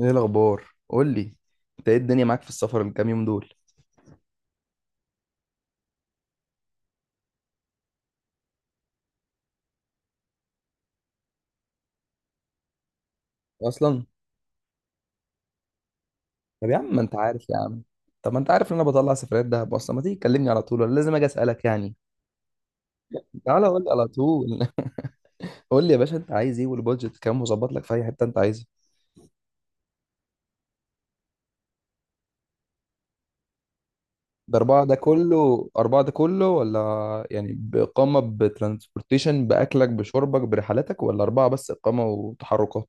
ايه الاخبار؟ قول لي، انت ايه الدنيا معاك في السفر الكام يوم دول؟ اصلا طب يا عم، ما انت عارف يا عم، طب ما انت عارف ان انا بطلع سفريات دهب اصلا، ما تيجي تكلمني على طول ولا لازم اجي اسالك يعني؟ تعالى قول لي على طول. قول لي يا باشا، انت عايز ايه والبادجت كام، وظبط لك في اي حته انت عايزها. ده اربعه ده كله، اربعه ده كله ولا يعني باقامه بترانسبورتيشن باكلك بشربك برحلاتك، ولا اربعه بس اقامه وتحركات؟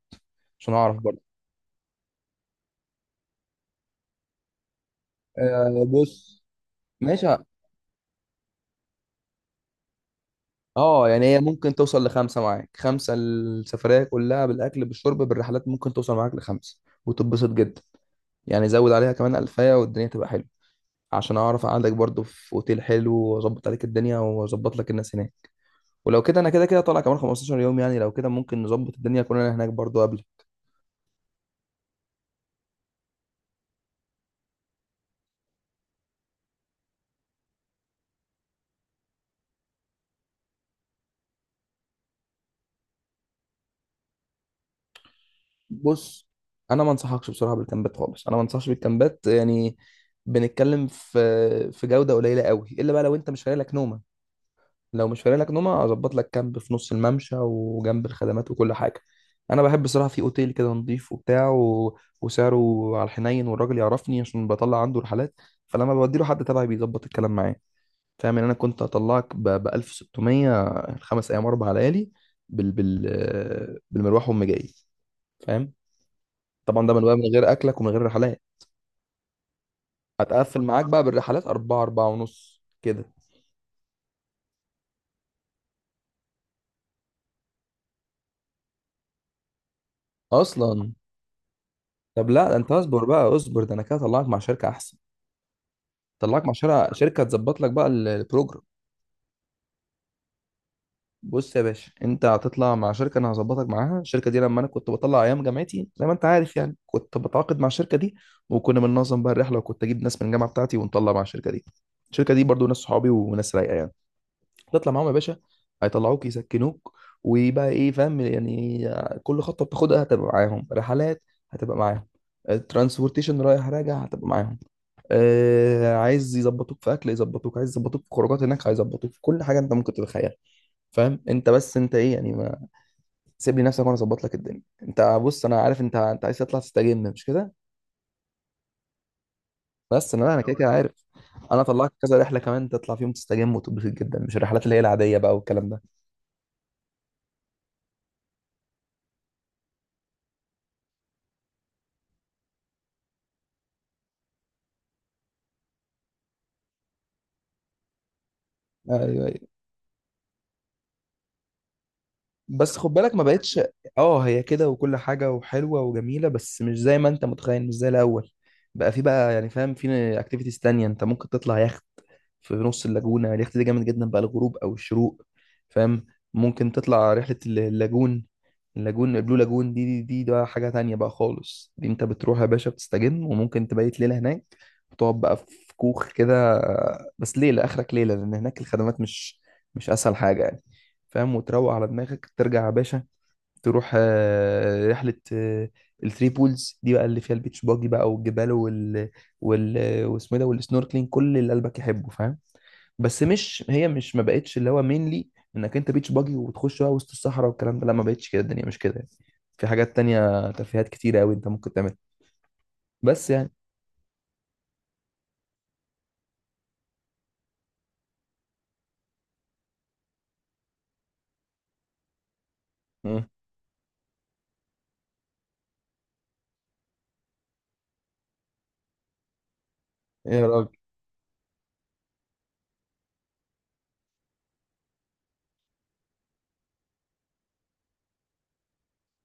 عشان اعرف برضه. آه بص، ماشي. اه، يعني هي ممكن توصل لخمسه معاك، خمسه السفريه كلها بالاكل بالشرب بالرحلات، ممكن توصل معاك لخمسه وتتبسط جدا. يعني زود عليها كمان الفايه والدنيا تبقى حلوه، عشان اعرف اقعدك برضو في اوتيل حلو، واظبط عليك الدنيا، واظبط لك الناس هناك. ولو كده انا كده كده طالع كمان 15 يوم، يعني لو كده ممكن نظبط الدنيا كلنا هناك برضو قبل. بص، انا ما انصحكش بصراحه بالكامبات خالص، انا ما انصحش بالكامبات يعني. بنتكلم في جوده قليله قوي، الا بقى لو انت مش فارق لك نومه. لو مش فارق لك نومه، اظبط لك كامب في نص الممشى وجنب الخدمات وكل حاجه. انا بحب الصراحه في اوتيل كده نضيف وبتاع وسعره على الحنين، والراجل يعرفني عشان بطلع عنده رحلات، فلما بودي له حد تبعي بيظبط الكلام معاه. فاهم؟ ان انا كنت هطلعك ب 1600، خمس ايام اربع ليالي، بالمروح وام جاي. فاهم؟ طبعا ده من غير اكلك ومن غير رحلات. هتقفل معاك بقى بالرحلات أربعة، أربعة ونص كده. أصلا طب لا، ده أنت اصبر بقى، اصبر، ده أنا كده هطلعك مع شركة أحسن. طلعك مع شركه، شركه تظبط لك بقى البروجرام. بص يا باشا، انت هتطلع مع شركه انا هظبطك معاها. الشركه دي لما انا كنت بطلع ايام جامعتي، زي ما انت عارف يعني، كنت بتعاقد مع الشركه دي، وكنا بننظم بقى الرحله، وكنت اجيب ناس من الجامعه بتاعتي ونطلع مع الشركه دي. الشركه دي برضو ناس صحابي وناس رايقه يعني. تطلع معاهم يا باشا، هيطلعوك، يسكنوك، ويبقى ايه، فاهم يعني؟ كل خطوه بتاخدها هتبقى معاهم، رحلات هتبقى معاهم، الترانسبورتيشن رايح راجع هتبقى معاهم. آه عايز يظبطوك في اكل يظبطوك، عايز يظبطوك في خروجات هناك هيظبطوك، في كل حاجه انت ممكن تتخيلها. فاهم؟ انت بس انت ايه يعني، ما سيب لي نفسك وانا اظبط لك الدنيا. انت بص، انا عارف انت انت عايز تطلع تستجم، مش كده؟ بس انا لا، انا كده كده عارف. انا طلعت كذا رحله كمان تطلع فيهم، تستجم وتتبسط جدا، مش الرحلات اللي هي العاديه بقى والكلام ده. ايوه ايوه. بس خد بالك، ما بقتش. اه هي كده، وكل حاجه وحلوه وجميله، بس مش زي ما انت متخيل، مش زي الاول. بقى في بقى يعني، فاهم، في اكتيفيتيز تانية انت ممكن تطلع يخت في نص اللاجونة. يعني اليخت ده جامد جدا بقى الغروب أو الشروق، فاهم؟ ممكن تطلع رحلة الل- اللاجون اللاجون البلو لاجون. دي ده حاجة تانية بقى خالص. دي انت بتروح يا باشا بتستجم، وممكن تبيت ليلة هناك وتقعد بقى في كوخ كده. بس ليلة آخرك ليلة، لأن هناك الخدمات مش أسهل حاجة يعني. فاهم؟ وتروق على دماغك ترجع يا باشا. تروح رحلة الثري بولز دي بقى، اللي فيها البيتش باجي بقى والجبال وال وال واسمه إيه ده، والسنوركلينج، كل اللي قلبك يحبه. فاهم؟ بس مش هي مش ما بقتش اللي هو مينلي انك انت بيتش باجي وتخش بقى وسط الصحراء والكلام ده. لا، ما بقتش كده، الدنيا مش كده يعني. في حاجات تانية ترفيهات كتيرة قوي انت ممكن تعملها، بس يعني. مم. ايه يا راجل،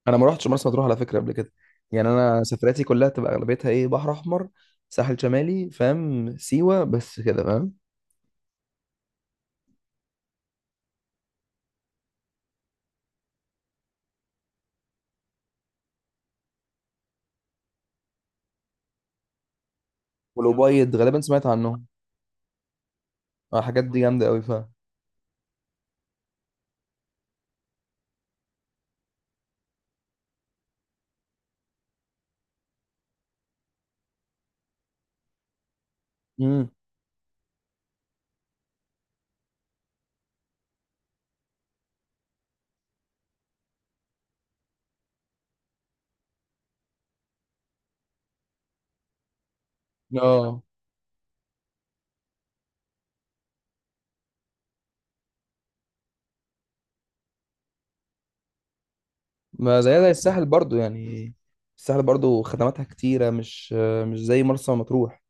انا ما رحتش مرسى مطروح على فكره قبل كده. يعني انا سفرياتي كلها تبقى اغلبيتها ايه، بحر احمر، ساحل شمالي، فاهم، سيوه، بس كده فاهم. والأبيض غالبا، سمعت عنهم. آه، الحاجات دي جامده قوي فاهم. امم اه. ما زي زي الساحل برضو يعني. الساحل برضو خدماتها كتيره، مش مش زي مرسى مطروح.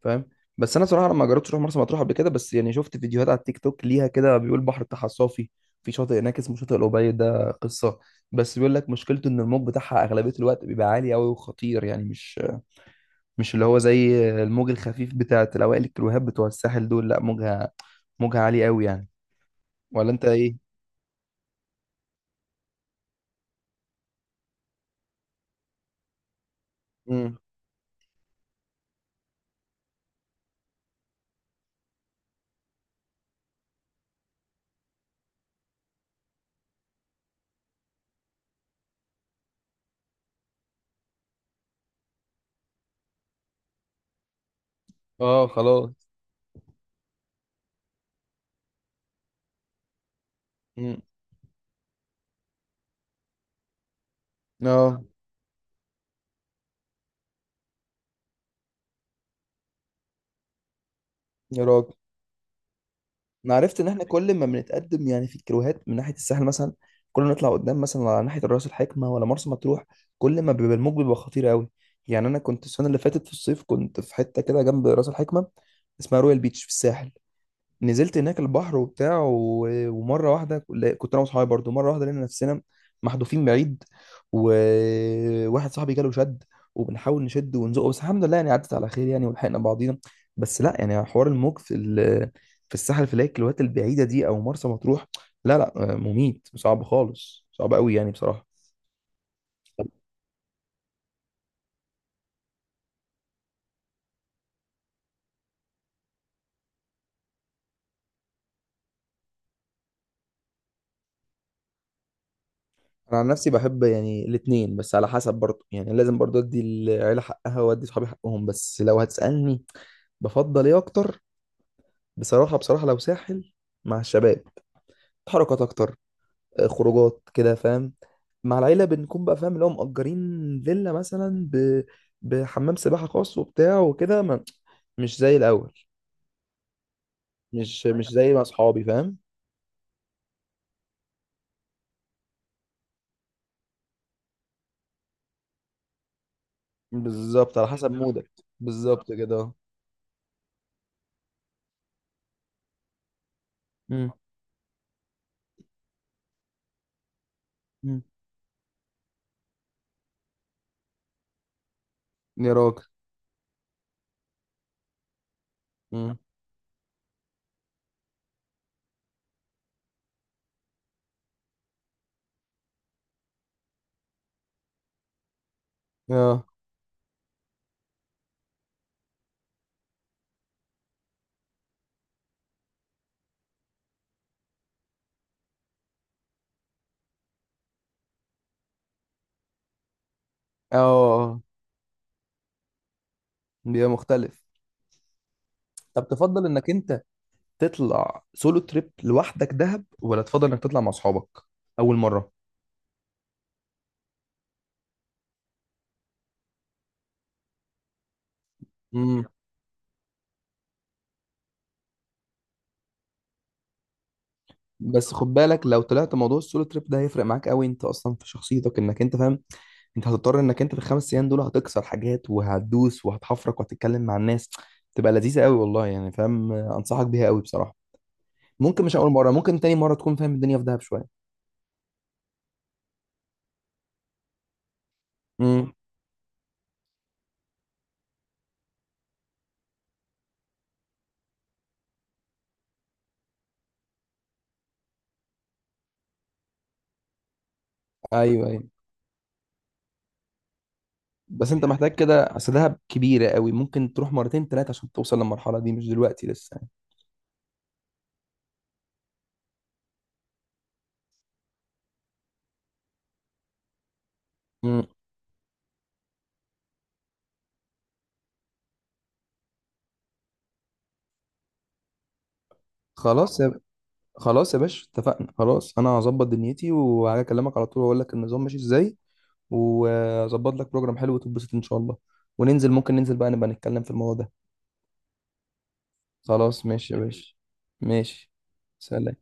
فاهم؟ بس انا صراحه لما جربت اروح مرسى مطروح قبل كده، بس يعني شفت فيديوهات على التيك توك ليها كده، بيقول بحر بتاعها صافي. في شاطئ هناك اسمه شاطئ القبيل، ده قصه. بس بيقول لك مشكلته ان الموج بتاعها اغلبيه الوقت بيبقى عالي قوي وخطير، يعني مش مش اللي هو زي الموج الخفيف بتاع الاوائل الكروهات بتوع الساحل دول. لا، موجها عالي قوي يعني. ولا انت ايه؟ امم اه، خلاص. امم اه. يا راجل، انا عرفت ان احنا كل ما بنتقدم يعني في الكيلوهات من ناحيه الساحل مثلا، كل ما نطلع قدام مثلا على ناحيه الراس الحكمه ولا مرسى مطروح، كل ما بيبقى الموج بيبقى خطير قوي يعني. انا كنت السنه اللي فاتت في الصيف كنت في حته كده جنب راس الحكمه، اسمها رويال بيتش في الساحل. نزلت هناك البحر وبتاع ومره واحده، لا، كنت انا واصحابي برضو، مره واحده لقينا نفسنا محذوفين بعيد، وواحد صاحبي جاله شد، وبنحاول نشد ونزقه، بس الحمد لله يعني عدت على خير يعني، ولحقنا بعضينا. بس لا، يعني حوار الموج في الساحل في الايك الوقت البعيده دي او مرسى مطروح، لا لا، مميت صعب خالص، صعب قوي يعني بصراحه. انا عن نفسي بحب يعني الاثنين، بس على حسب برضه يعني، لازم برضه ادي العيله حقها وادي صحابي حقهم، بس لو هتسالني بفضل ايه اكتر، بصراحة بصراحة لو ساحل مع الشباب، حركات أكتر، آه، خروجات كده فاهم. مع العيلة بنكون بقى فاهم اللي هو مأجرين فيلا مثلا بحمام سباحة خاص وبتاع وكده، ما... مش زي الأول، مش مش زي مع أصحابي فاهم. بالظبط، على حسب مودك. بالظبط كده، اه. مم. مم. يا راجل. مم. اه. اه. آه. بيبقى مختلف. طب تفضل انك انت تطلع سولو تريب لوحدك دهب، ولا تفضل انك تطلع مع اصحابك اول مره؟ بس خد بالك، لو طلعت موضوع السولو تريب ده هيفرق معاك قوي، انت اصلا في شخصيتك، انك انت فاهم، انت هتضطر انك انت في الخمس ايام دول هتكسر حاجات، وهتدوس، وهتحفرك، وهتتكلم مع الناس. تبقى لذيذه قوي والله يعني، فاهم، انصحك بيها قوي بصراحه. ممكن مش اول مره، ممكن تاني مره تكون فاهم الدنيا في دهب شويه. امم ايوه ايوه. بس انت محتاج كده، اصل دهب كبيره قوي، ممكن تروح مرتين ثلاثه عشان توصل للمرحله دي، مش دلوقتي لسه يعني. امم خلاص. خلاص يا باشا، اتفقنا. خلاص انا هظبط دنيتي وهكلمك على طول واقول لك النظام ماشي ازاي، واظبط لك بروجرام حلو وتتبسط ان شاء الله. وننزل، ممكن ننزل بقى نبقى نتكلم في الموضوع ده. خلاص ماشي يا أكيد باشا، ماشي. سلام.